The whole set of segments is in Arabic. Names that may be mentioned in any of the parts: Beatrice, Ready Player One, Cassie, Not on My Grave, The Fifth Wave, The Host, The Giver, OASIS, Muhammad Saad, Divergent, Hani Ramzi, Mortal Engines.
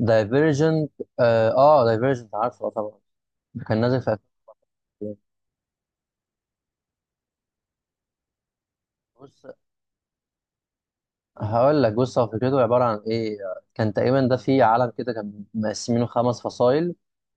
دايفيرجنت. اه، دايفيرجنت عارفه، آه طبعا. كان نازل في أفلام. بص، هقول لك. بص، هو فكرته عباره عن ايه. كان تقريبا ده في عالم كده، كان مقسمينه خمس فصائل.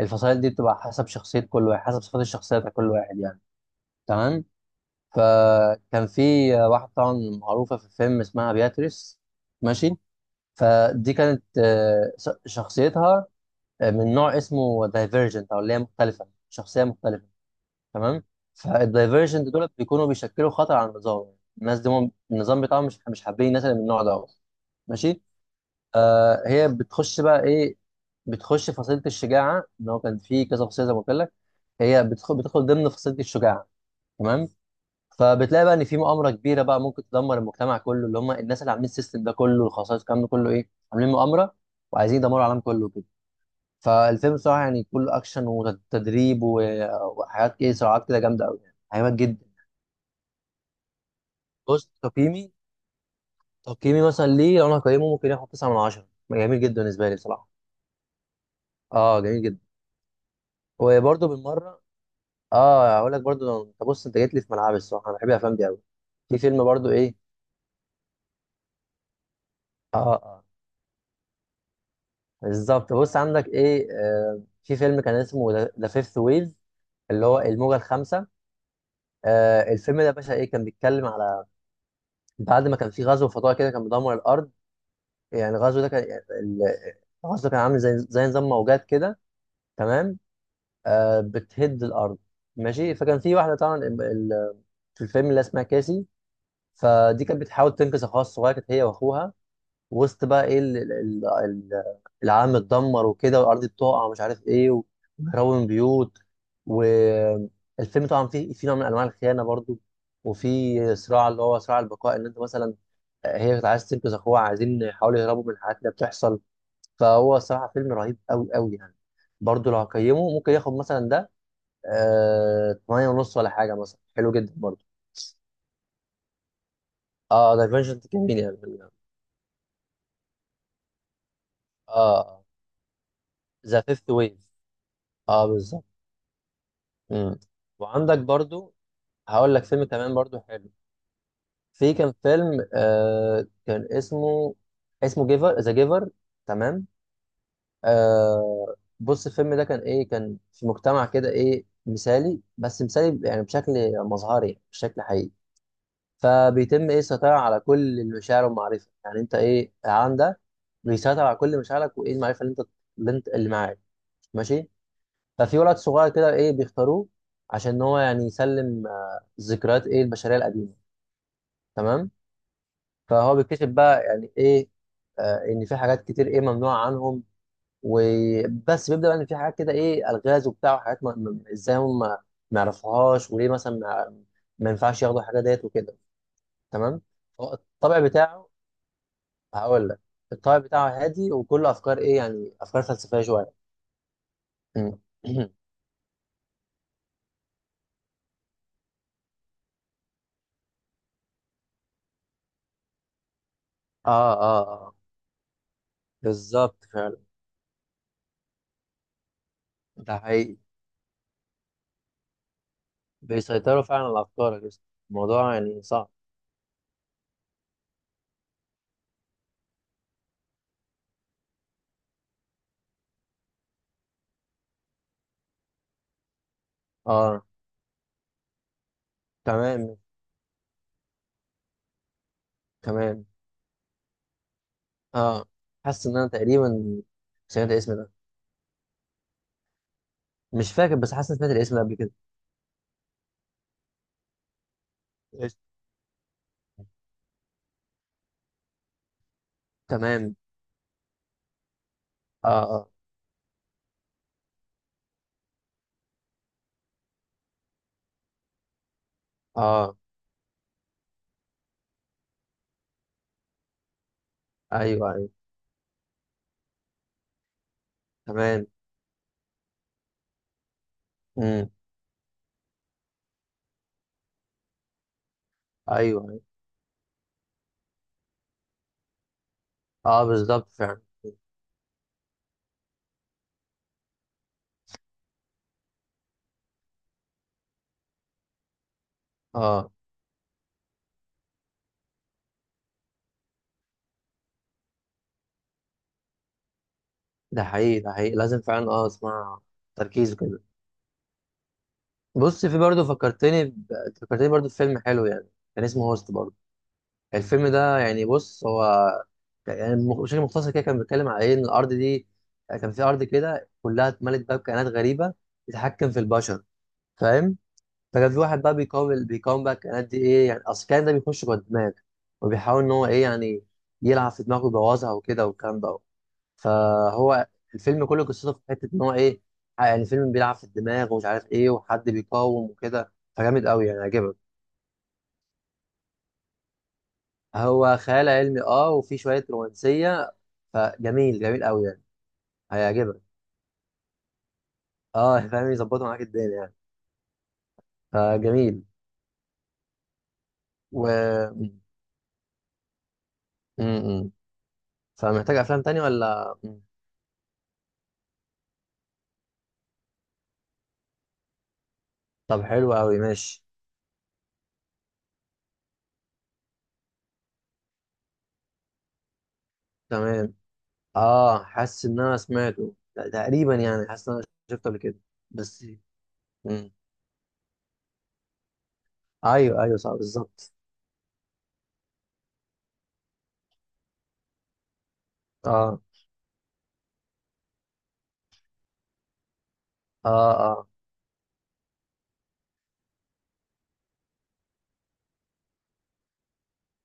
الفصائل دي بتبقى حسب شخصيه كل واحد، حسب صفات الشخصيه بتاع كل واحد يعني. تمام. فكان في واحده طبعا معروفه في الفيلم اسمها بياتريس. ماشي. فدي كانت شخصيتها من نوع اسمه دايفيرجنت، او اللي هي مختلفه، شخصيه مختلفه. تمام. فالدايفرجنت دول بيكونوا بيشكلوا خطر على النظام. الناس دي هم النظام بتاعهم مش حابين الناس اللي من النوع ده. ماشي. آه، هي بتخش بقى ايه. بتخش فصيلة الشجاعة، ان هو كان في كذا فصيلة زي ما قلت لك. هي بتدخل ضمن فصيلة الشجاعة. تمام. فبتلاقي بقى ان في مؤامرة كبيرة بقى ممكن تدمر المجتمع كله، اللي هم الناس اللي عاملين السيستم ده كله، الخصائص، الكلام ده كله، ايه، عاملين مؤامرة، وعايزين يدمروا العالم كله كده. فالفيلم بصراحة يعني كله اكشن وتدريب وحاجات ايه، صراعات كده جامدة قوي يعني، حاجات جدا. بص تقييمي. مثلا ليه لو انا هقيمه، ممكن ياخد 9 من 10. جميل جدا بالنسبه لي بصراحه. اه جميل جدا. وبرده بالمره. اه هقول لك برده. انت بص، انت جيت لي في ملعبي الصراحه، انا بحب الافلام دي قوي. في فيلم برده ايه. اه اه آه. بالظبط. بص، عندك ايه، آه، في فيلم كان اسمه ذا فيفث ويف، اللي هو الموجه الخامسه. آه، الفيلم ده يا باشا ايه، كان بيتكلم على بعد ما كان في غزو فضائي كده كان بيدمر الارض. يعني الغزو ده كان ال- الغزو كان عامل زي نظام موجات كده. تمام. بتهد الارض. ماشي. فكان في واحده طبعا في الفيلم اللي اسمها كاسي. فدي كانت بتحاول تنقذ اخوها الصغير، كانت هي واخوها وسط بقى ايه العالم اتدمر وكده، والارض بتقع، ومش عارف ايه، وبيهربوا من بيوت. والفيلم طبعا فيه في نوع من انواع الخيانه برضو، وفي صراع اللي هو صراع البقاء، ان انت مثلا هي كانت عايزه تنقذ اخوها، عايزين يحاولوا يهربوا من الحاجات اللي بتحصل. فهو صراحه فيلم رهيب قوي يعني. برضو لو هقيمه ممكن ياخد مثلا ده 8 ونص ولا حاجه مثلا، حلو جدا برضه. اه دايفرجنت جميل يعني. اه، ذا فيفث ويف. اه بالظبط. مم. وعندك برضه. هقول لك فيلم كمان برضه حلو. في كان فيلم كان اسمه، جيفر، ذا جيفر. تمام. آه بص، الفيلم ده كان ايه، كان في مجتمع كده ايه مثالي، بس مثالي يعني بشكل مظهري مش بشكل حقيقي. فبيتم ايه السيطره على كل المشاعر والمعرفه. يعني انت ايه، العالم ده بيسيطر على كل مشاعرك وايه، المعرفه اللي انت اللي معاك. ماشي. ففي ولد صغير كده ايه بيختاروه عشان هو يعني يسلم ذكريات ايه البشريه القديمه. تمام. فهو بيكتشف بقى يعني ايه، آه، ان في حاجات كتير ايه ممنوعه عنهم. وبس بيبدا بقى ان في حاجات كده، ايه، الغاز وبتاع وحاجات، ازاي هم ما يعرفوهاش، وليه مثلا ما ينفعش ياخدوا الحاجات ديت وكده. تمام. هو الطبع بتاعه. هقول لك. الطابع بتاعه هادي، وكله افكار ايه يعني، افكار فلسفيه شويه. مم. اه اه اه بالظبط فعلا. ده حقيقي. بيسيطروا فعلا على افكارك يا اسطى. الموضوع يعني صعب. اه. تمام. تمام. اه، حاسس ان انا تقريبا سمعت الاسم ده. مش فاكر، بس حاسس ان سمعت الاسم ده قبل كده. قشطة. تمام. اه اه اه. ايوه ايوه. تمام. امم. ايوه ايوه. اه بالظبط فعلا. اه. ده حقيقي، ده حقيقي، لازم فعلا اه اسمع، تركيز وكده. بص، في برضه فكرتني ب... فكرتني برضه بفيلم حلو يعني، كان اسمه هوست برضه. الفيلم ده يعني بص هو يعني بشكل مختصر كده كان بيتكلم على ايه، ان الارض دي يعني، كان في ارض كده كلها اتملت بقى بكائنات غريبه بتتحكم في البشر، فاهم. فكان في واحد بقى بيقاوم بقى الكائنات دي، ايه يعني، اصل الكائن ده بيخش جوه الدماغ، وبيحاول ان هو ايه يعني يلعب في دماغه ويبوظها وكده والكلام ده. فهو الفيلم كله قصته في حته ان هو ايه، يعني الفيلم بيلعب في الدماغ ومش عارف ايه، وحد بيقاوم وكده، فجامد قوي يعني، عجبك. هو خيال علمي اه وفي شويه رومانسيه. فجميل، قوي يعني. هيعجبك. اه فاهم، يظبطوا معاك الدنيا يعني. فجميل. و م- م- فمحتاج افلام تاني ولا طب حلو قوي ماشي. تمام. اه حاسس ان انا سمعته تقريبا يعني، حاسس ان انا شفته قبل كده بس. م. ايوه ايوه صح بالظبط. اه اه اه.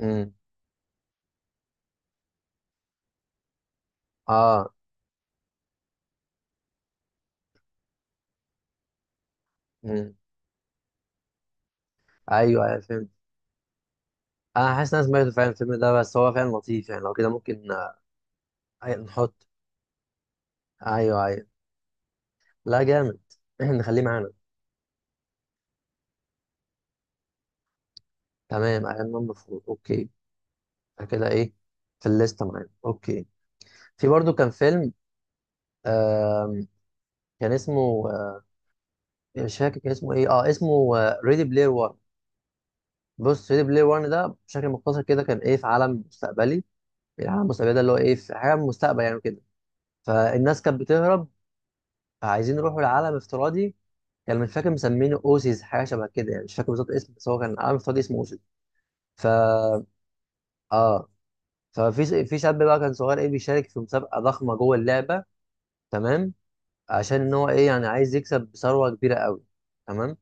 امم. اه. امم. ايوه ايوه فهمت. انا حاسس ان انا سمعته فعلا الفيلم ده، بس هو فعلا لطيف يعني. لو كده ممكن نحط. ايوه ايوه لا جامد. احنا نخليه معانا. تمام. ايام ما المفروض، اوكي كده ايه، في الليسته معانا، اوكي. في برضو كان فيلم آم، كان اسمه مش فاكر كان اسمه ايه. اه اسمه ريدي بلاير 1. بص ريدي بلاير 1 ده بشكل مختصر كده كان ايه، في عالم مستقبلي. العالم المستقبلي ده اللي هو ايه، في حاجه من المستقبل يعني كده. فالناس كانت بتهرب، عايزين نروحوا لعالم افتراضي. كان مش فاكر مسمينه اوسيس، حاجه شبه كده يعني، مش فاكر بالظبط اسم، بس هو كان عالم افتراضي اسمه اوسيس. ف اه ففي شاب بقى كان صغير ايه بيشارك في مسابقه ضخمه جوه اللعبه. تمام. عشان ان هو ايه يعني، عايز يكسب بثروه كبيره قوي. تمام.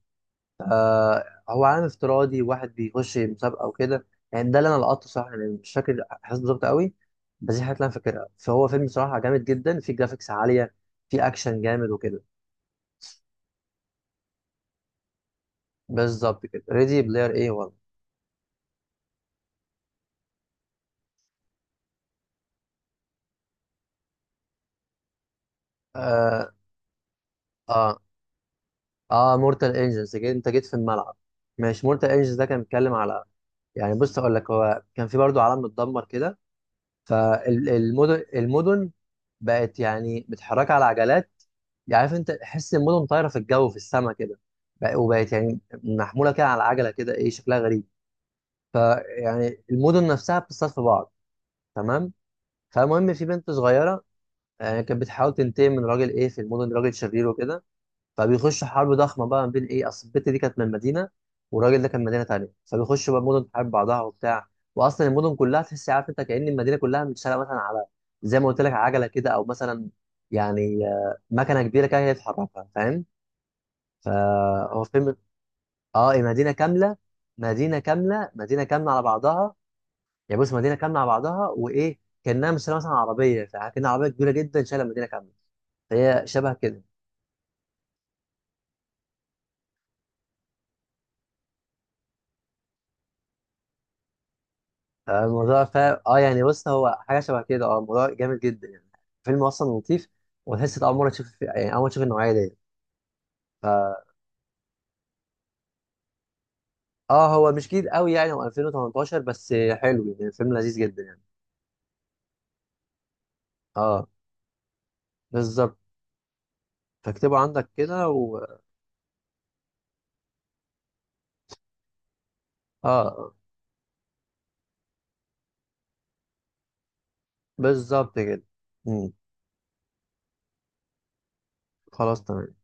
آه. هو عالم افتراضي، واحد بيخش مسابقه وكده. يعني ده اللي انا لقطته صح يعني، مش فاكر احساس بالظبط قوي، بس دي الحاجات اللي انا فاكرها. فهو فيلم صراحه جامد جدا، فيه جرافيكس عاليه، فيه اكشن جامد وكده. بالظبط كده، ريدي بلاير ايه والله. اه. اه مورتال انجنز، انت جيت في الملعب. ماشي. مورتال انجنز ده كان بيتكلم على يعني، بص اقول لك، هو كان في برضو عالم متدمر كده. المدن بقت يعني متحركه على عجلات. يعني عارف انت، حس المدن طايره في الجو في السماء كده. وبقت يعني محموله كده على عجله كده، ايه شكلها غريب. فيعني المدن نفسها بتصطاد في بعض. تمام. فالمهم في بنت صغيره يعني، كانت بتحاول تنتقم من راجل ايه في المدن، راجل شرير وكده. فبيخشوا حرب ضخمه بقى ما بين ايه، اصل البت دي كانت من مدينه، والراجل ده كان من مدينه تانيه، فبيخشوا بقى مدن تحارب بعضها وبتاع. واصلا المدن كلها تحس عارف انت، كأن المدينه كلها متشاله مثلا على زي ما قلت لك عجله كده، او مثلا يعني مكنه كبيره كده هي اللي بتحركها، فاهم. فهو فيلم. اه إيه، مدينه كامله، مدينه كامله على بعضها. يعني بص، مدينه كامله على بعضها، وايه كانها مش شايلة مثلا عربيه، فكأنها عربيه كبيره جدا شايله مدينه كامله. فهي شبه كده. الموضوع فاهم، اه يعني بص هو حاجه شبه كده، اه الموضوع جامد جدا يعني. فيلم اصلا لطيف، وتحس إنت اول مره تشوف يعني، اول مره تشوف النوعيه دي. ف اه هو مش جديد قوي يعني، هو 2018، بس حلو يعني فيلم لذيذ جدا يعني. اه بالظبط. فاكتبه عندك كده و اه، آه، بالظبط كده. مم. خلاص تمام.